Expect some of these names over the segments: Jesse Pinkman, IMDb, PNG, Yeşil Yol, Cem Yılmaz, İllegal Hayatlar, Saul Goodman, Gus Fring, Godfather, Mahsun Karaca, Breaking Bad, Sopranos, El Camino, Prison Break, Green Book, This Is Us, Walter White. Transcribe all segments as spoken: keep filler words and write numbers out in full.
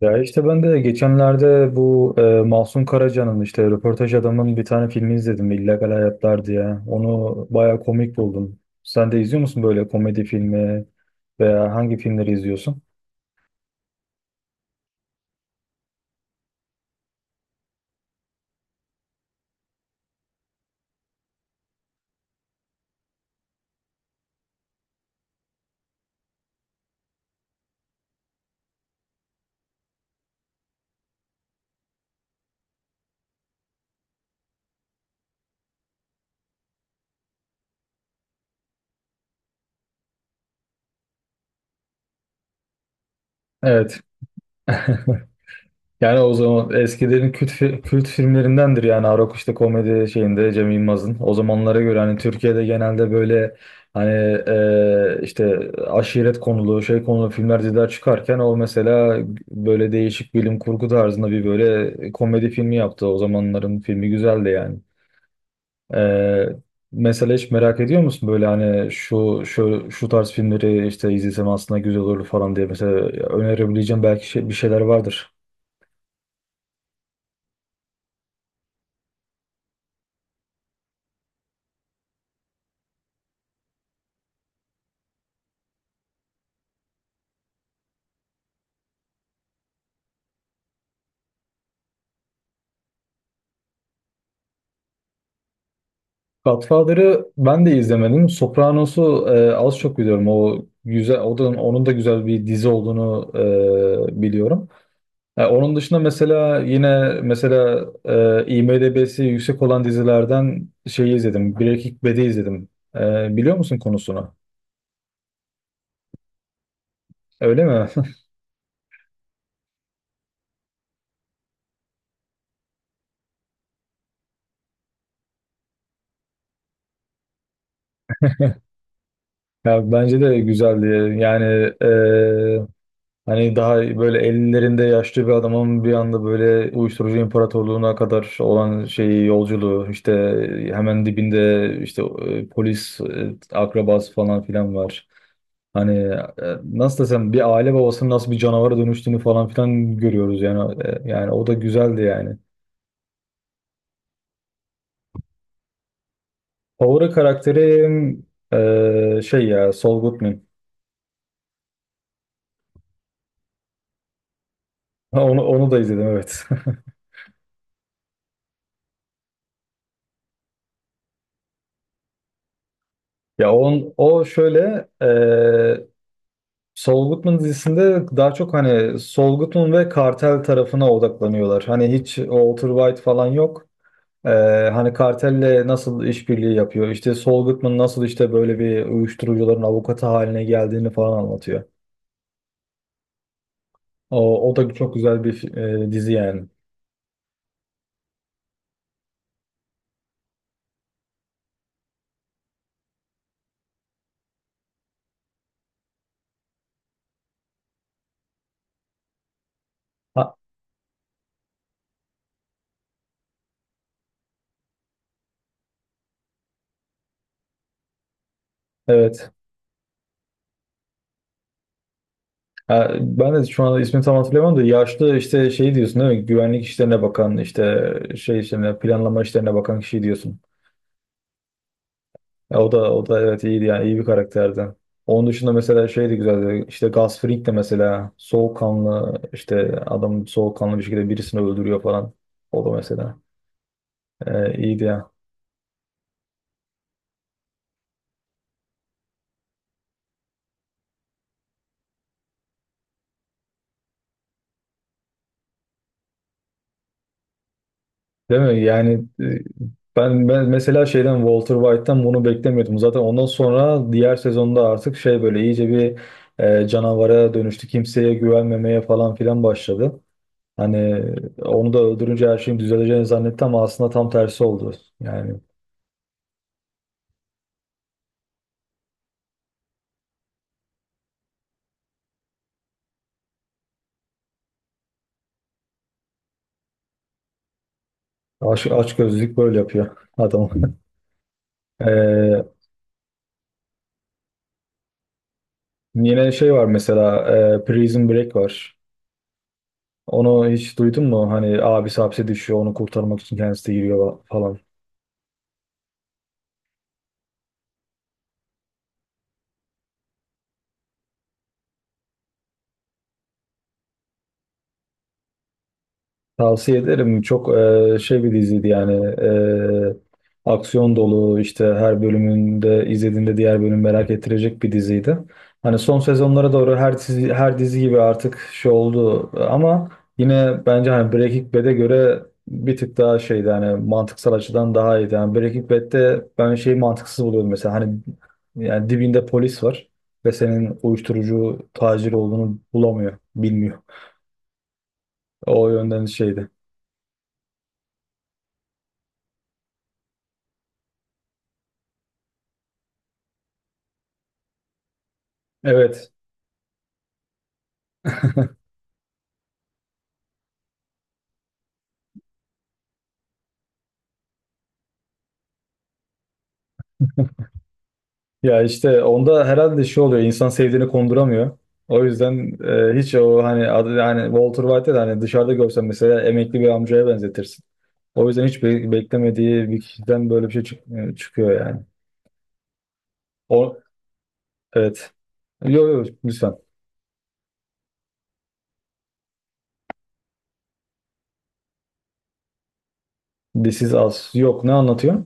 Ya işte ben de geçenlerde bu e, Mahsun Karaca'nın işte röportaj adamın bir tane filmi izledim İllegal Hayatlar diye. Onu bayağı komik buldum. Sen de izliyor musun böyle komedi filmi veya hangi filmleri izliyorsun? Evet. Yani o zaman eskilerin kült, fi- kült filmlerindendir yani Arok işte komedi şeyinde Cem Yılmaz'ın. O zamanlara göre hani Türkiye'de genelde böyle hani e, işte aşiret konulu şey konulu filmler diziler çıkarken o mesela böyle değişik bilim kurgu tarzında bir böyle komedi filmi yaptı. O zamanların filmi güzeldi yani. E, Mesela hiç merak ediyor musun böyle hani şu şu şu tarz filmleri işte izlesem aslında güzel olur falan diye mesela önerebileceğim belki şey- bir şeyler vardır. Godfather'ı ben de izlemedim. Sopranos'u e, az çok biliyorum. O güzel, o da onun da güzel bir dizi olduğunu e, biliyorum. E, onun dışında mesela yine mesela e, IMDb'si yüksek olan dizilerden şeyi izledim. Breaking Bad'i izledim. E, biliyor musun konusunu? Öyle mi? Ya bence de güzeldi. Yani e, hani daha böyle ellerinde yaşlı bir adamın bir anda böyle uyuşturucu imparatorluğuna kadar olan şeyi yolculuğu işte hemen dibinde işte e, polis e, akrabası falan filan var. Hani e, nasıl desem bir aile babasının nasıl bir canavara dönüştüğünü falan filan görüyoruz yani. E, yani o da güzeldi yani. Favori karakterim e, şey ya Saul Goodman. Onu onu da izledim evet. Ya on, o şöyle, e, Saul Goodman dizisinde daha çok hani Saul Goodman ve kartel tarafına odaklanıyorlar. Hani hiç Walter White falan yok. Ee, Hani kartelle nasıl işbirliği yapıyor? İşte Saul Goodman nasıl işte böyle bir uyuşturucuların avukatı haline geldiğini falan anlatıyor. O, o da çok güzel bir fi- e, dizi yani. Ha, evet. Ha, ben de şu anda ismini tam hatırlayamam da yaşlı işte şey diyorsun değil mi? Güvenlik işlerine bakan işte şey işlerine planlama işlerine bakan kişi diyorsun. Ya o da o da evet iyiydi yani iyi bir karakterdi. Onun dışında mesela şey de güzeldi. İşte Gus Fring de mesela soğukkanlı işte adam soğukkanlı bir şekilde birisini öldürüyor falan. O da mesela e, iyiydi ya. Değil mi? Yani e, ben, ben mesela şeyden Walter White'tan bunu beklemiyordum. Zaten ondan sonra diğer sezonda artık şey böyle iyice bir e, canavara dönüştü. Kimseye güvenmemeye falan filan başladı. Hani onu da öldürünce her şeyin düzeleceğini zannetti ama aslında tam tersi oldu. Yani Aç, açgözlülük böyle yapıyor adam. Ee, Yine şey var mesela e, Prison Break var. Onu hiç duydun mu? Hani abisi hapse düşüyor onu kurtarmak için kendisi de giriyor falan. Tavsiye ederim. Çok e, şey bir diziydi yani. E, aksiyon dolu işte her bölümünde izlediğinde diğer bölüm merak ettirecek bir diziydi. Hani son sezonlara doğru her dizi, her dizi gibi artık şey oldu ama yine bence hani Breaking Bad'e göre bir tık daha şeydi hani mantıksal açıdan daha iyiydi. Yani Breaking Bad'de ben şeyi mantıksız buluyordum mesela hani yani dibinde polis var ve senin uyuşturucu tacir olduğunu bulamıyor, bilmiyor. O yönden şeydi. Evet. Ya işte onda herhalde şey oluyor, insan sevdiğini konduramıyor. O yüzden e, hiç o hani adı hani Walter White'ı da hani dışarıda görsen mesela emekli bir amcaya benzetirsin. O yüzden hiç be- beklemediği bir kişiden böyle bir şey çık- e, çıkıyor yani. O evet. Yok yok lütfen. This is Us. Yok ne anlatıyor?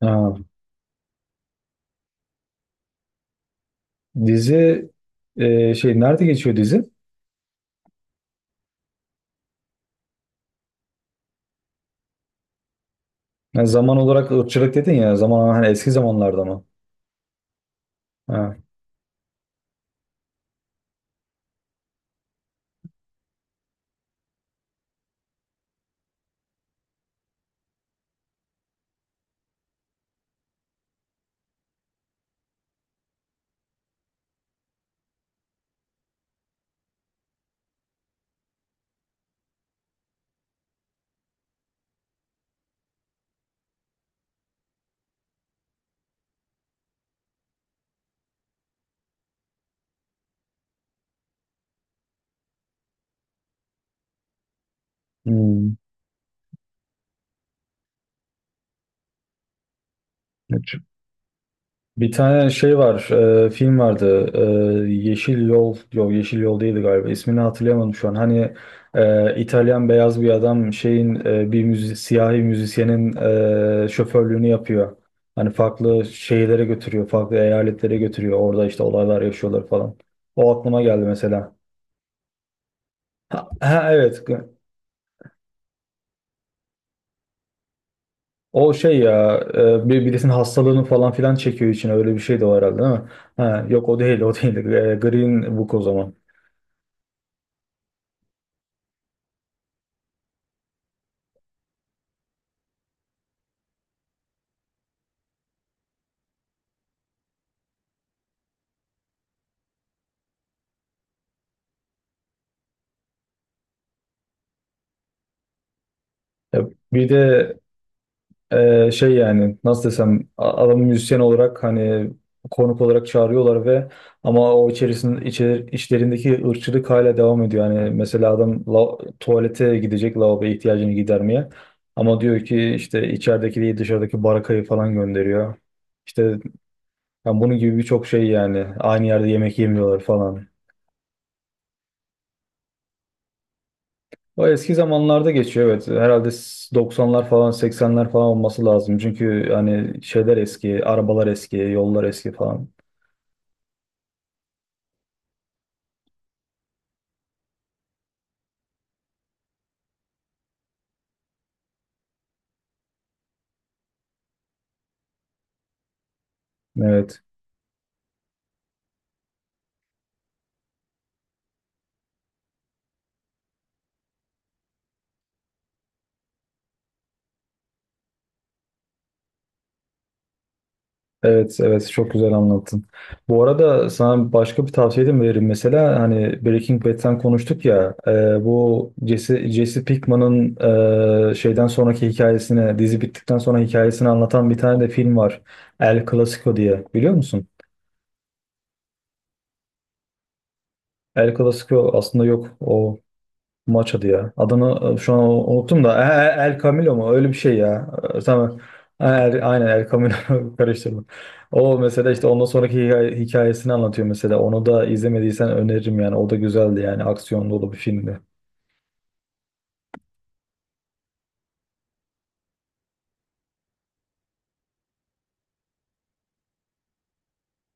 Ha, dizi e, şey nerede geçiyor dizi? Yani zaman olarak ırkçılık dedin ya zaman hani eski zamanlarda mı? Ha. Hmm. Evet. Bir tane şey var, e, film vardı. E, Yeşil Yol, yok Yeşil Yol değildi galiba. İsmini hatırlayamadım şu an. Hani e, İtalyan beyaz bir adam şeyin e, bir müzi siyahi müzisyenin e, şoförlüğünü yapıyor. Hani farklı şehirlere götürüyor, farklı eyaletlere götürüyor. Orada işte olaylar yaşıyorlar falan. O aklıma geldi mesela. Ha, ha, evet. O şey ya, e, bir birisinin hastalığını falan filan çekiyor için öyle bir şey de var herhalde değil mi? Ha, yok o değil, o değil. E, Green Book o zaman. Ya bir de e, şey yani nasıl desem a- adamı müzisyen olarak hani konuk olarak çağırıyorlar ve ama o içerisinde içer, içlerindeki ırkçılık hala devam ediyor. Yani mesela adam la- tuvalete gidecek lavaboya ihtiyacını gidermeye ama diyor ki işte içerideki değil dışarıdaki barakayı falan gönderiyor. İşte yani bunun gibi birçok şey yani aynı yerde yemek yemiyorlar falan. O eski zamanlarda geçiyor evet. Herhalde s- doksanlar falan seksenler falan olması lazım. Çünkü hani şeyler eski, arabalar eski, yollar eski falan. Evet. Evet, evet çok güzel anlattın. Bu arada sana başka bir tavsiye de mi veririm? Mesela hani Breaking Bad'den konuştuk ya, e, bu Jesse, Jesse Pinkman'ın e, şeyden sonraki hikayesini, dizi bittikten sonra hikayesini anlatan bir tane de film var. El Clasico diye. Biliyor musun? El Clasico aslında yok. O maç adı ya. Adını e, şu an unuttum da. E- e- El Camilo mu? Öyle bir şey ya. E, tamam. E, El, aynen El Camilo karıştırdım. O mesela işte ondan sonraki hikaye- hikayesini anlatıyor mesela. Onu da izlemediysen öneririm yani. O da güzeldi yani. Aksiyon dolu bir filmdi.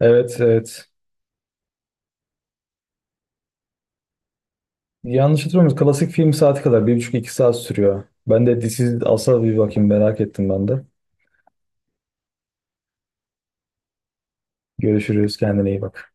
Evet evet. Yanlış hatırlamıyorum. Klasik film saati kadar. Bir buçuk iki saat sürüyor. Ben de This Is Us'a bir bakayım merak ettim ben de. Görüşürüz. Kendine iyi bak.